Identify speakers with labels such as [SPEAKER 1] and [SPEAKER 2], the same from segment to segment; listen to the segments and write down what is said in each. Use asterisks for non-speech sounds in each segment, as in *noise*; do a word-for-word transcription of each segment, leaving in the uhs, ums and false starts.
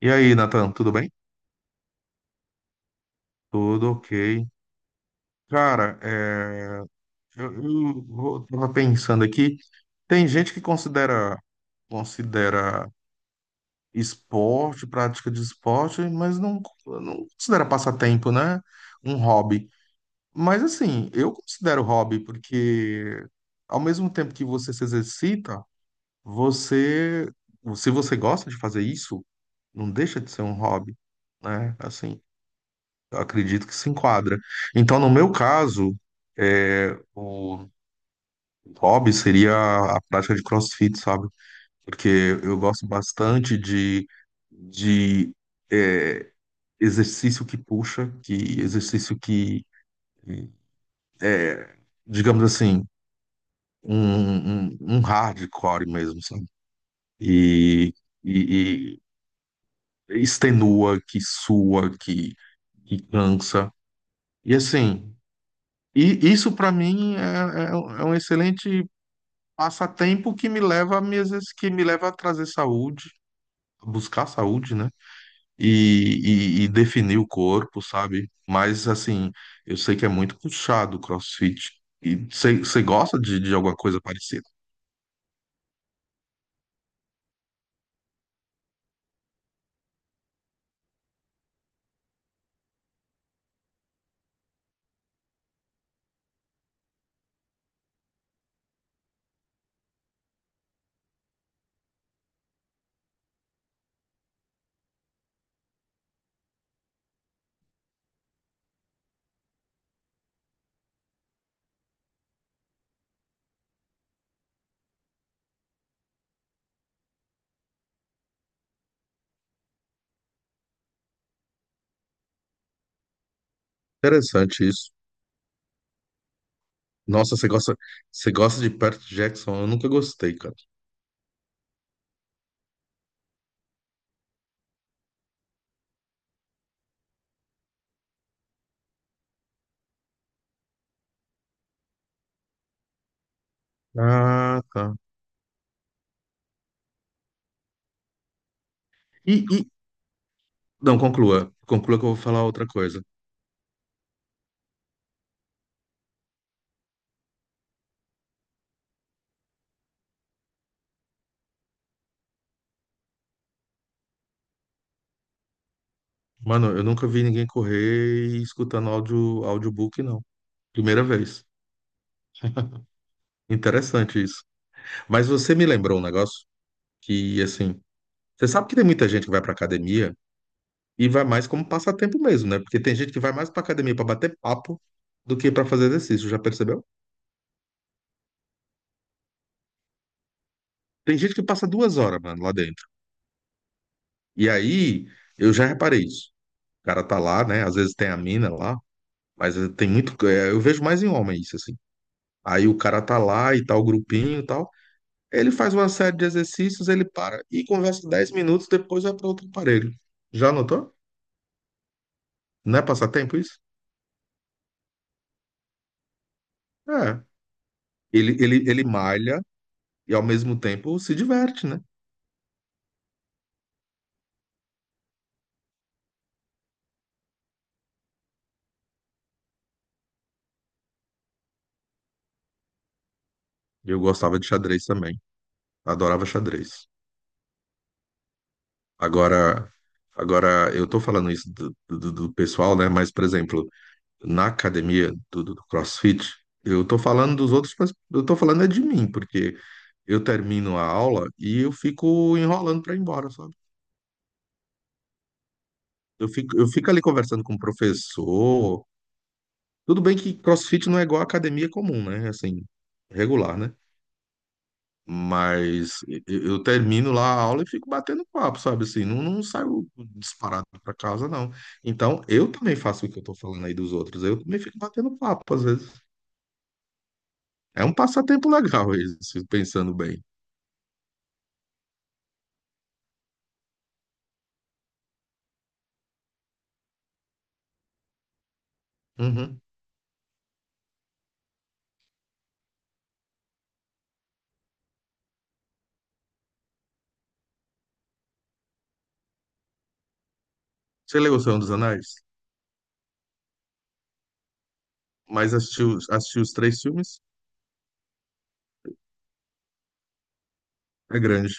[SPEAKER 1] E aí, Nathan, tudo bem? Tudo ok. Cara, é, eu, eu vou- tava pensando aqui. Tem gente que considera considera esporte, prática de esporte, mas não, não considera passatempo, né? Um hobby. Mas assim, eu considero hobby porque ao mesmo tempo que você se exercita, você, se você gosta de fazer isso, não deixa de ser um hobby, né? Assim, acredito que se enquadra. Então, no meu caso, é, o hobby seria a prática de CrossFit, sabe? Porque eu gosto bastante de, de é, exercício que puxa, que exercício que é, digamos assim, um, um, um hardcore mesmo, sabe? E, e, e extenua, que sua, que, que cansa. E assim, e isso para mim é, é um é um excelente passatempo que me leva a me, exerc- que me leva a trazer saúde, a buscar saúde, né? E, e, e definir o corpo, sabe? Mas assim, eu sei que é muito puxado o CrossFit. E você gosta de, de alguma coisa parecida? Interessante isso. Nossa, você gosta, você gosta de Perth Jackson? Eu nunca gostei, cara. Ah, tá. E, e- não, conclua. Conclua que eu vou falar outra coisa. Mano, eu nunca vi ninguém correr e escutando áudio, audiobook, não. Primeira vez. Interessante isso. Mas você me lembrou um negócio que, assim, você sabe que tem muita gente que vai pra academia e vai mais como passatempo mesmo, né? Porque tem gente que vai mais pra academia pra bater papo do que pra fazer exercício, já percebeu? Tem gente que passa duas horas, mano, lá dentro. E aí, eu já reparei isso. O cara tá lá, né? Às vezes tem a mina lá, mas tem muito. é, Eu vejo mais em homem isso, assim. Aí o cara tá lá e tal, o grupinho e tal. Ele faz uma série de exercícios, ele para e conversa dez minutos, depois vai para outro aparelho. Já notou? Não é passatempo isso? É. Ele, ele, ele malha e ao mesmo tempo se diverte, né? Eu gostava de xadrez também. Adorava xadrez. Agora, agora eu tô falando isso do, do, do pessoal, né? Mas, por exemplo, na academia do, do do CrossFit, eu tô falando dos outros, mas eu tô falando é de mim, porque eu termino a aula e eu fico enrolando para ir embora, sabe? Eu fico, eu fico ali conversando com o professor. Tudo bem que CrossFit não é igual a academia comum, né? Assim, regular, né? Mas eu eu termino lá a aula e fico batendo papo, sabe? Assim, não, não saio disparado para casa, não. Então, eu também faço o que eu tô falando aí dos outros. Eu também fico batendo papo, às vezes. É um passatempo legal *laughs* esse, pensando bem. Uhum. Você leu O Senhor dos Anéis? Mas assistiu, assistiu os três filmes? É grande.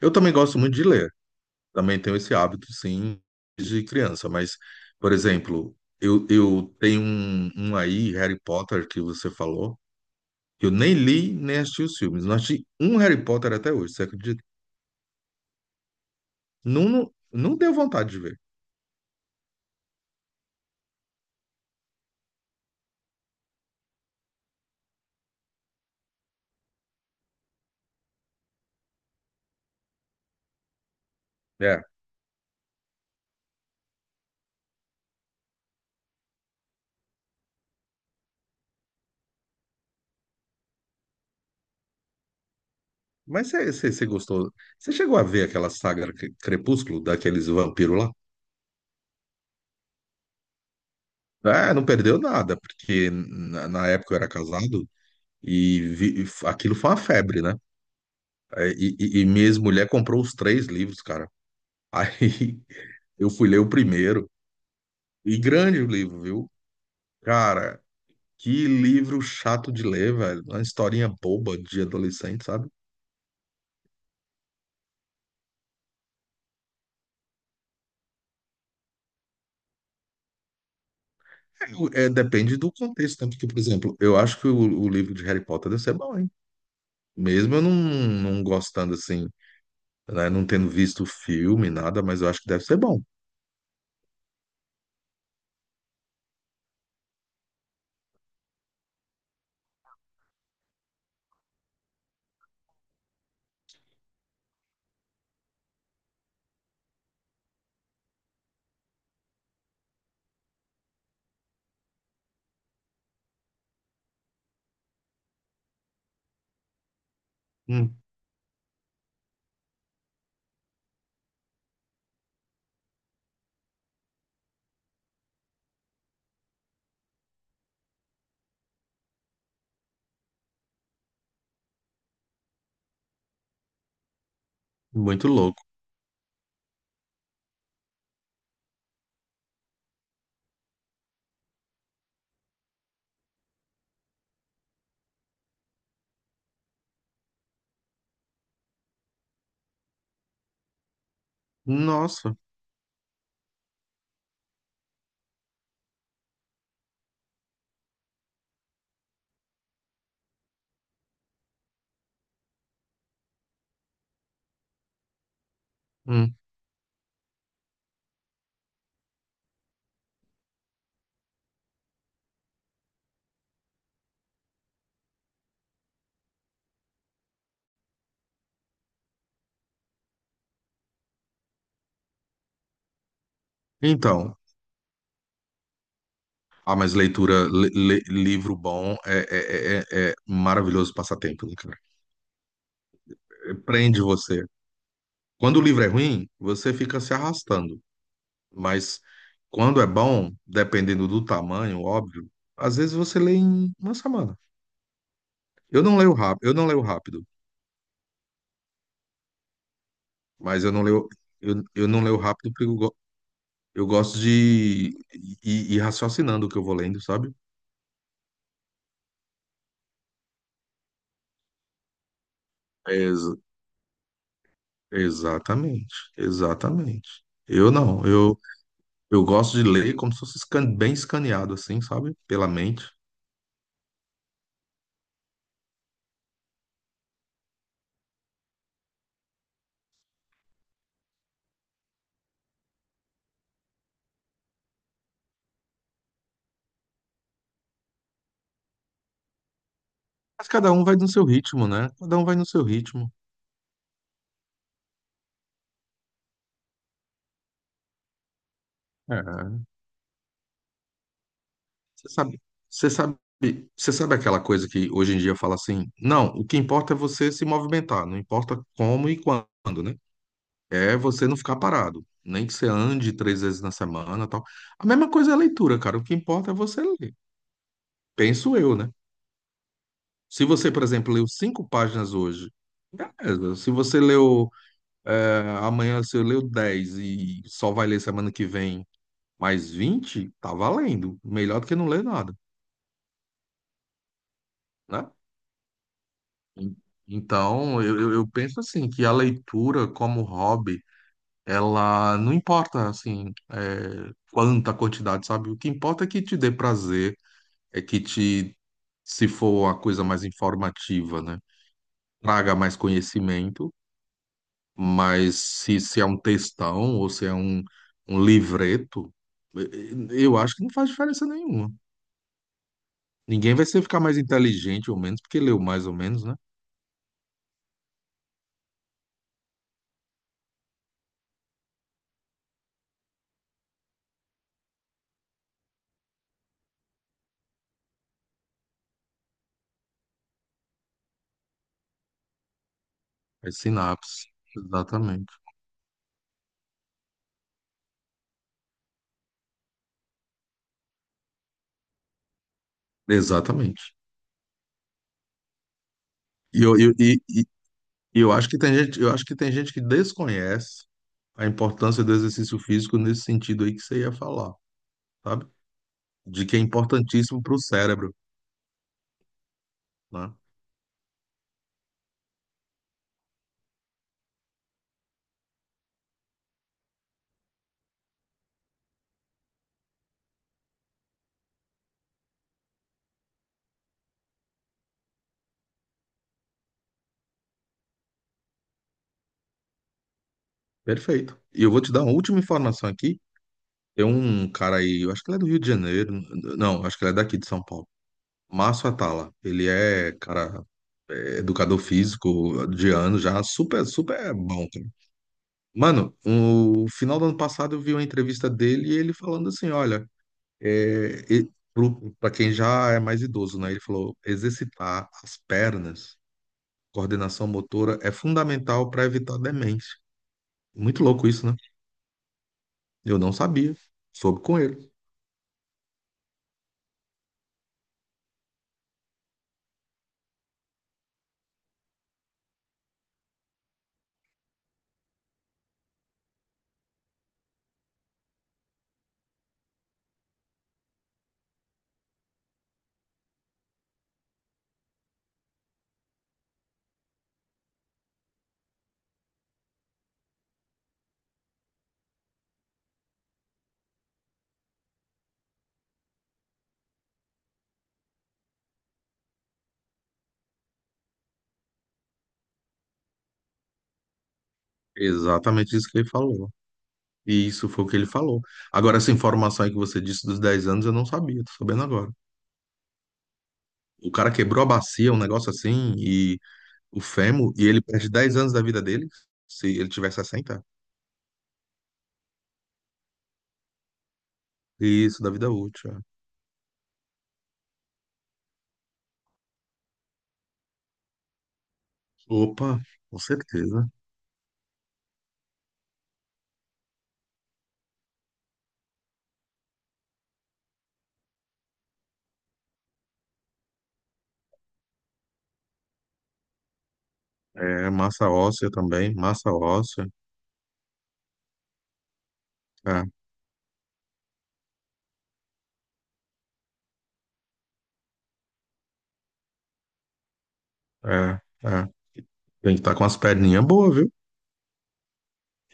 [SPEAKER 1] Eu também gosto muito de ler. Também tenho esse hábito, sim, de criança, mas, por exemplo, eu, eu tenho um, um aí, Harry Potter, que você falou, que eu nem li, nem assisti os filmes. Não assisti um Harry Potter até hoje, você acredita? Não, não, não deu vontade de ver. É, mas você você- você gostou? Você chegou a ver aquela saga Cre- Crepúsculo, daqueles vampiros lá? É, não perdeu nada, porque na, na época eu era casado e vi- e f- aquilo foi uma febre, né? É, E, e, e minha ex-mulher comprou os três livros, cara. *laughs* Aí eu fui ler o primeiro, e grande o livro, viu? Cara, que livro chato de ler, velho. Uma historinha boba de adolescente, sabe? É, o- é, depende do contexto, né? Porque, por exemplo, eu acho que o, o livro de Harry Potter deve ser bom, hein? Mesmo eu não, não gostando, assim, né? Não tendo visto o filme, nada, mas eu acho que deve ser bom. Hum, Muito louco. Nossa. Hum. Então, ah, mas leitura, le- le- livro bom é, é, é, é é maravilhoso passatempo, né, cara? Prende você. Quando o livro é ruim, você fica se arrastando, mas quando é bom, dependendo do tamanho, óbvio, às vezes você lê em uma semana. Eu não leio rápido, eu não leio rápido, mas eu não leio, eu, eu não leio rápido porque eu, go- eu gosto de ir, ir raciocinando o que eu vou lendo, sabe? Ex- Exatamente, exatamente. Eu não, eu, eu gosto de ler como se fosse scan- bem escaneado, assim, sabe? Pela mente. Mas cada um vai no seu ritmo, né? Cada um vai no seu ritmo. É. Você sabe, você sabe, você sabe aquela coisa que hoje em dia fala assim, não, o que importa é você se movimentar, não importa como e quando, né? É você não ficar parado, nem que você ande três vezes na semana, tal. A mesma coisa é a leitura, cara. O que importa é você ler. Penso eu, né? Se você, por exemplo, leu cinco páginas hoje, beleza. Se você leu, é, amanhã você leu dez e só vai ler semana que vem mais vinte, tá valendo. Melhor do que não ler nada. Né? En- Então, eu, eu eu penso assim, que a leitura como hobby, ela não importa, assim, é, quanta quantidade, sabe? O que importa é que te dê prazer, é que te, se for a coisa mais informativa, né? Traga mais conhecimento, mas se, se é um textão ou se é um, um livreto, eu eu acho que não faz diferença nenhuma. Ninguém vai ser ficar mais inteligente ou menos, porque leu mais ou menos, né? É sinapse. Exatamente. Exatamente. E eu, eu, e, e- e eu acho que tem gente, eu acho que tem gente que desconhece a importância do exercício físico nesse sentido aí que você ia falar, sabe? De que é importantíssimo para o cérebro, né? Perfeito. E eu vou te dar uma última informação aqui. Tem um cara aí, eu acho que ele é do Rio de Janeiro, n- não, acho que ele é daqui de São Paulo. Márcio Atala, ele é, cara, é educador físico de ano já, super, super bom, cara. Mano, no final do ano passado eu vi uma entrevista dele e ele falando assim, olha, É, para quem já é mais idoso, né? Ele falou: exercitar as pernas, coordenação motora, é fundamental para evitar demência. Muito louco isso, né? Eu não sabia. Soube com ele. Exatamente isso que ele falou. E isso foi o que ele falou. Agora, essa informação aí que você disse dos dez anos, eu não sabia, tô sabendo agora. O cara quebrou a bacia, um negócio assim, e o fêmur, e ele perde dez anos da vida dele, se ele tiver sessenta. Isso, da vida útil. é. Opa, com certeza. É, massa óssea também, massa óssea. É, é, é. Tem que estar com as perninhas boas, viu?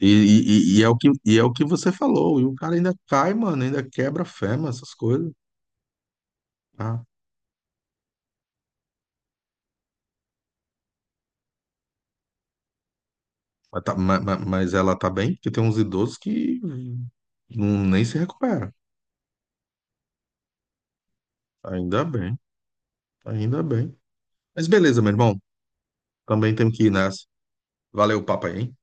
[SPEAKER 1] E, e, e- e é o que, e é o que você falou. E o cara ainda cai, mano, ainda quebra fêmur, essas coisas. Tá? Mas, tá- ma- ma- mas ela tá bem, porque tem uns idosos que não, nem se recupera. Ainda bem, ainda bem. Mas beleza, meu irmão. Também tenho que ir nessa. Valeu o papo aí, hein?